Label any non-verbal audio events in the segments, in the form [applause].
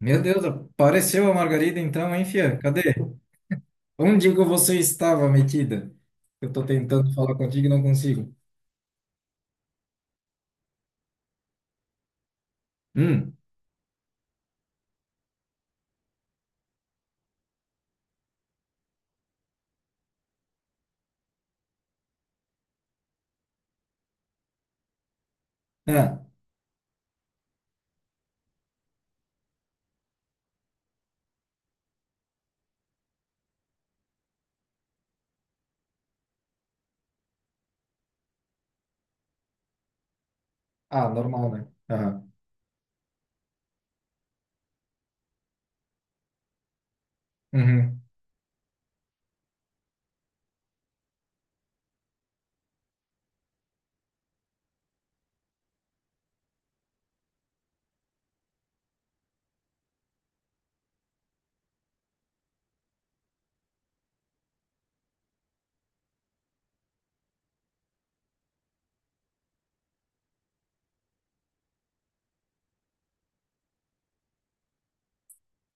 Meu Deus, apareceu a Margarida então, hein, fia? Cadê? Onde que você estava metida? Eu tô tentando falar contigo e não consigo. Hum. Ah, ah, normal, né? Aham. Uhum.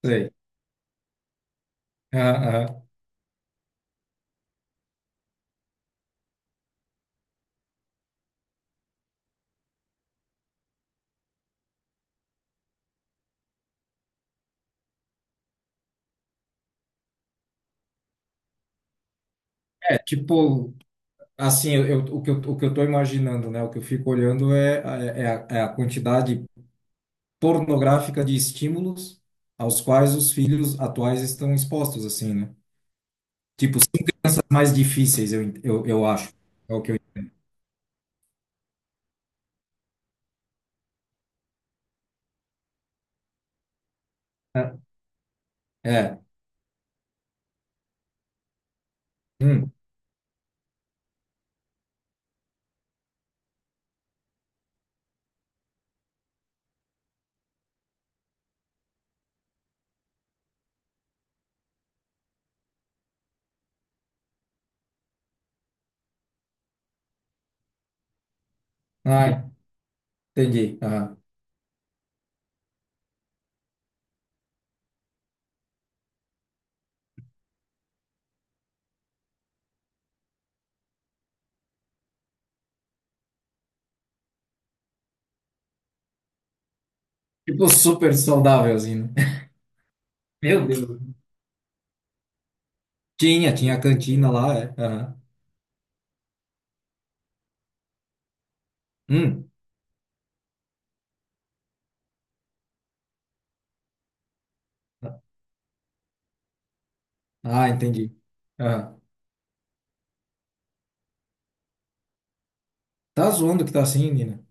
Sei. Aham, aham. É, tipo, assim, o que eu tô imaginando, né? O que eu fico olhando é, é a quantidade pornográfica de estímulos aos quais os filhos atuais estão expostos, assim, né? Tipo, ciências mais difíceis, eu acho. É o que eu. É. É. Hum. Ai. Entendi. Aham. Tipo, super saudável, assim, né? [laughs] Meu Deus. Tinha a cantina lá, é. Aham. Hum. Ah, entendi. Aham. Tá zoando que tá assim, Nina?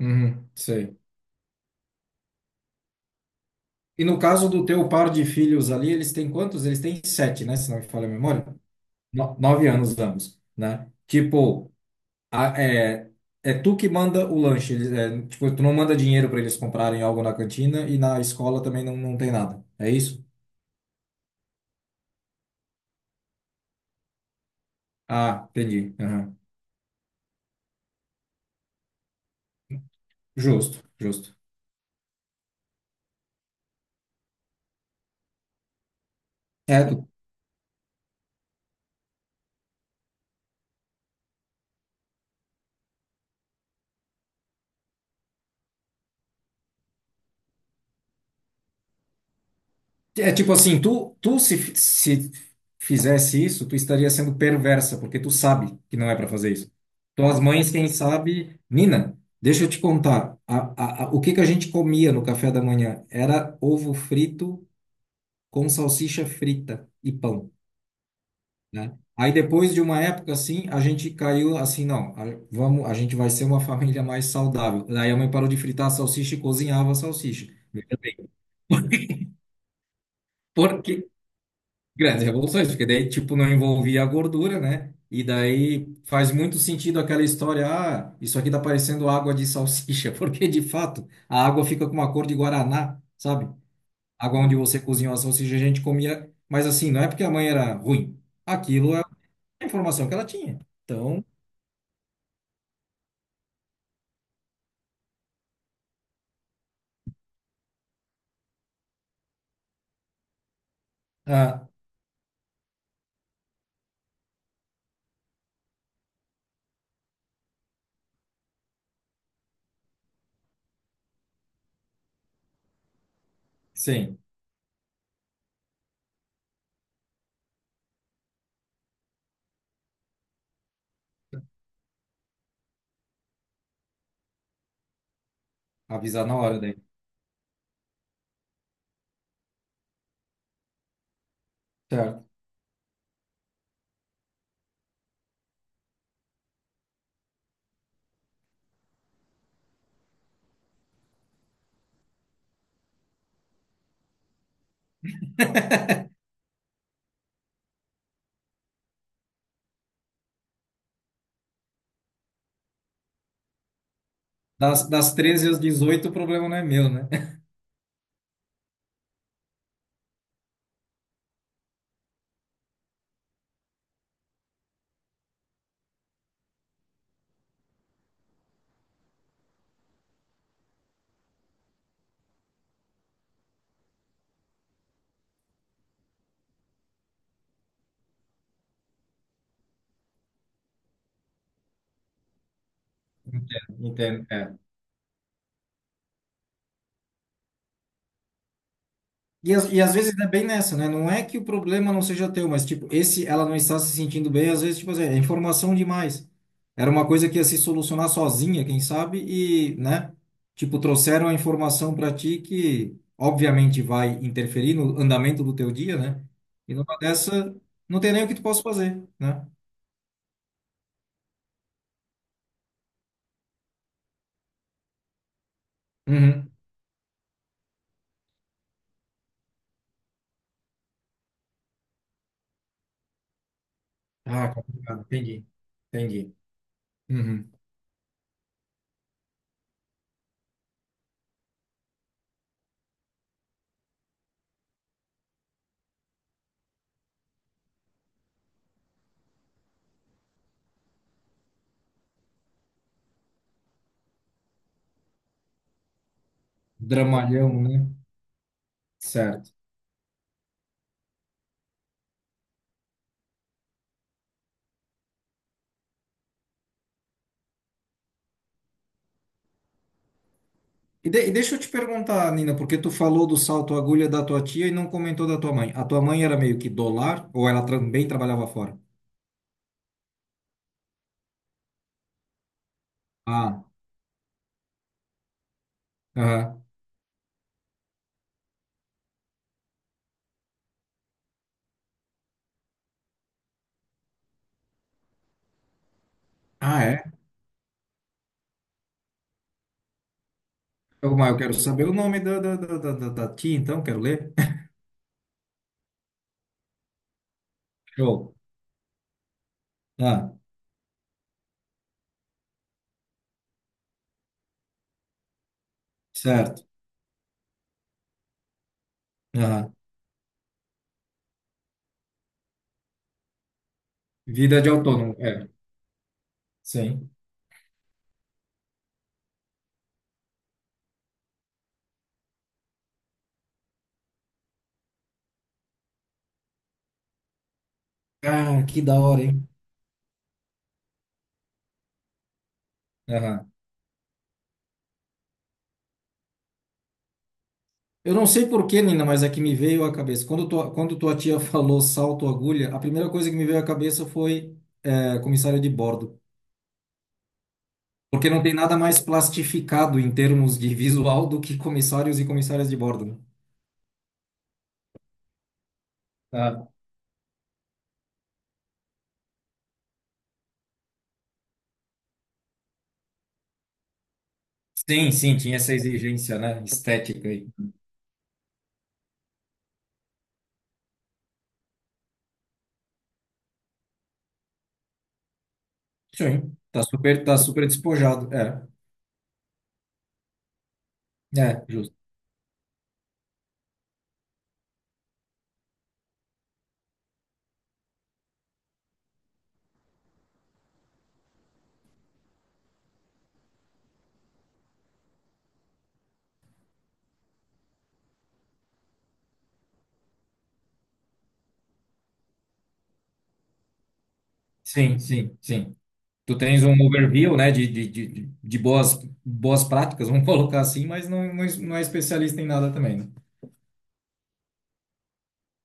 Uhum, sei. E no caso do teu par de filhos ali, eles têm quantos? Eles têm sete, né? Se não me falha a memória. 9 anos ambos, né? Tipo, a- é, é tu que manda o lanche. Eles, é, tipo, tu não manda dinheiro para eles comprarem algo na cantina e na escola também não, não tem nada. É isso? Ah, entendi. Aham. Justo, justo. É, é tipo assim, tu se fizesse isso, tu estaria sendo perversa, porque tu sabe que não é para fazer isso. Então, as mães, quem sabe. Nina, deixa eu te contar. O que que a gente comia no café da manhã? Era ovo frito com salsicha frita e pão, né? Aí, depois de uma época assim, a gente caiu assim: não, vamos, a gente vai ser uma família mais saudável. Daí a mãe parou de fritar a salsicha e cozinhava a salsicha. Veja bem. [laughs] Porque Grandes revoluções, porque daí, tipo, não envolvia a gordura, né? E daí faz muito sentido aquela história: ah, isso aqui tá parecendo água de salsicha, [laughs] porque de fato a água fica com uma cor de guaraná, sabe? A água onde você cozinhou a salsicha, a gente comia, mas assim, não é porque a mãe era ruim. Aquilo é a informação que ela tinha. Então, ah, sim, avisar na hora daí. Certo. Das 13 às 18 o problema não é meu, né? [laughs] Entendo, entendo. É. E às vezes é bem nessa, né? Não é que o problema não seja teu, mas tipo, esse ela não está se sentindo bem, às vezes, tipo assim, é informação demais. Era uma coisa que ia se solucionar sozinha, quem sabe, e, né? Tipo, trouxeram a informação para ti que obviamente vai interferir no andamento do teu dia, né? E numa dessa, não tem nem o que tu possa fazer, né? Uhum. Ah, complicado. Entendi. Entendi. Uhum. Dramalhão, né? Certo. E deixa eu te perguntar, Nina, porque tu falou do salto agulha da tua tia e não comentou da tua mãe. A tua mãe era meio que dólar ou ela também trabalhava fora? Ah, aham. Ah, é? Mas eu quero saber o nome da tia, então, quero ler. [laughs] Show. Ah, certo. Aham. Vida de autônomo, é. Sim. Ah, que da hora, hein? Aham. Eu não sei por que, Nina, mas é que me veio à cabeça. Quando tua tia [laughs] falou salto agulha, a primeira coisa que me veio à cabeça foi, comissário de bordo. Porque não tem nada mais plastificado em termos de visual do que comissários e comissárias de bordo, né? Ah, sim, sim, tinha essa exigência, né? Estética aí. Sim, tá super, tá super despojado. Justo. Sim, sim, sim. Tu tens um overview, né, de boas, boas práticas, [laughs] vamos colocar assim, mas não é especialista em nada também, né?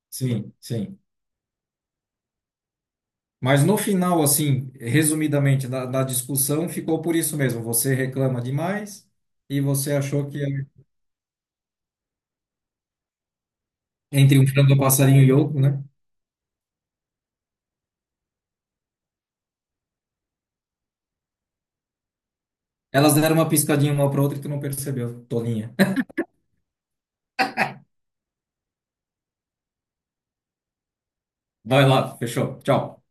Sim, sim. Mas no final, assim, resumidamente, da discussão, ficou por isso mesmo. Você reclama demais e você achou que entre um frango passarinho e outro, né? Elas deram uma piscadinha uma para outra e tu não percebeu, tolinha. [laughs] Vai lá, fechou. Tchau.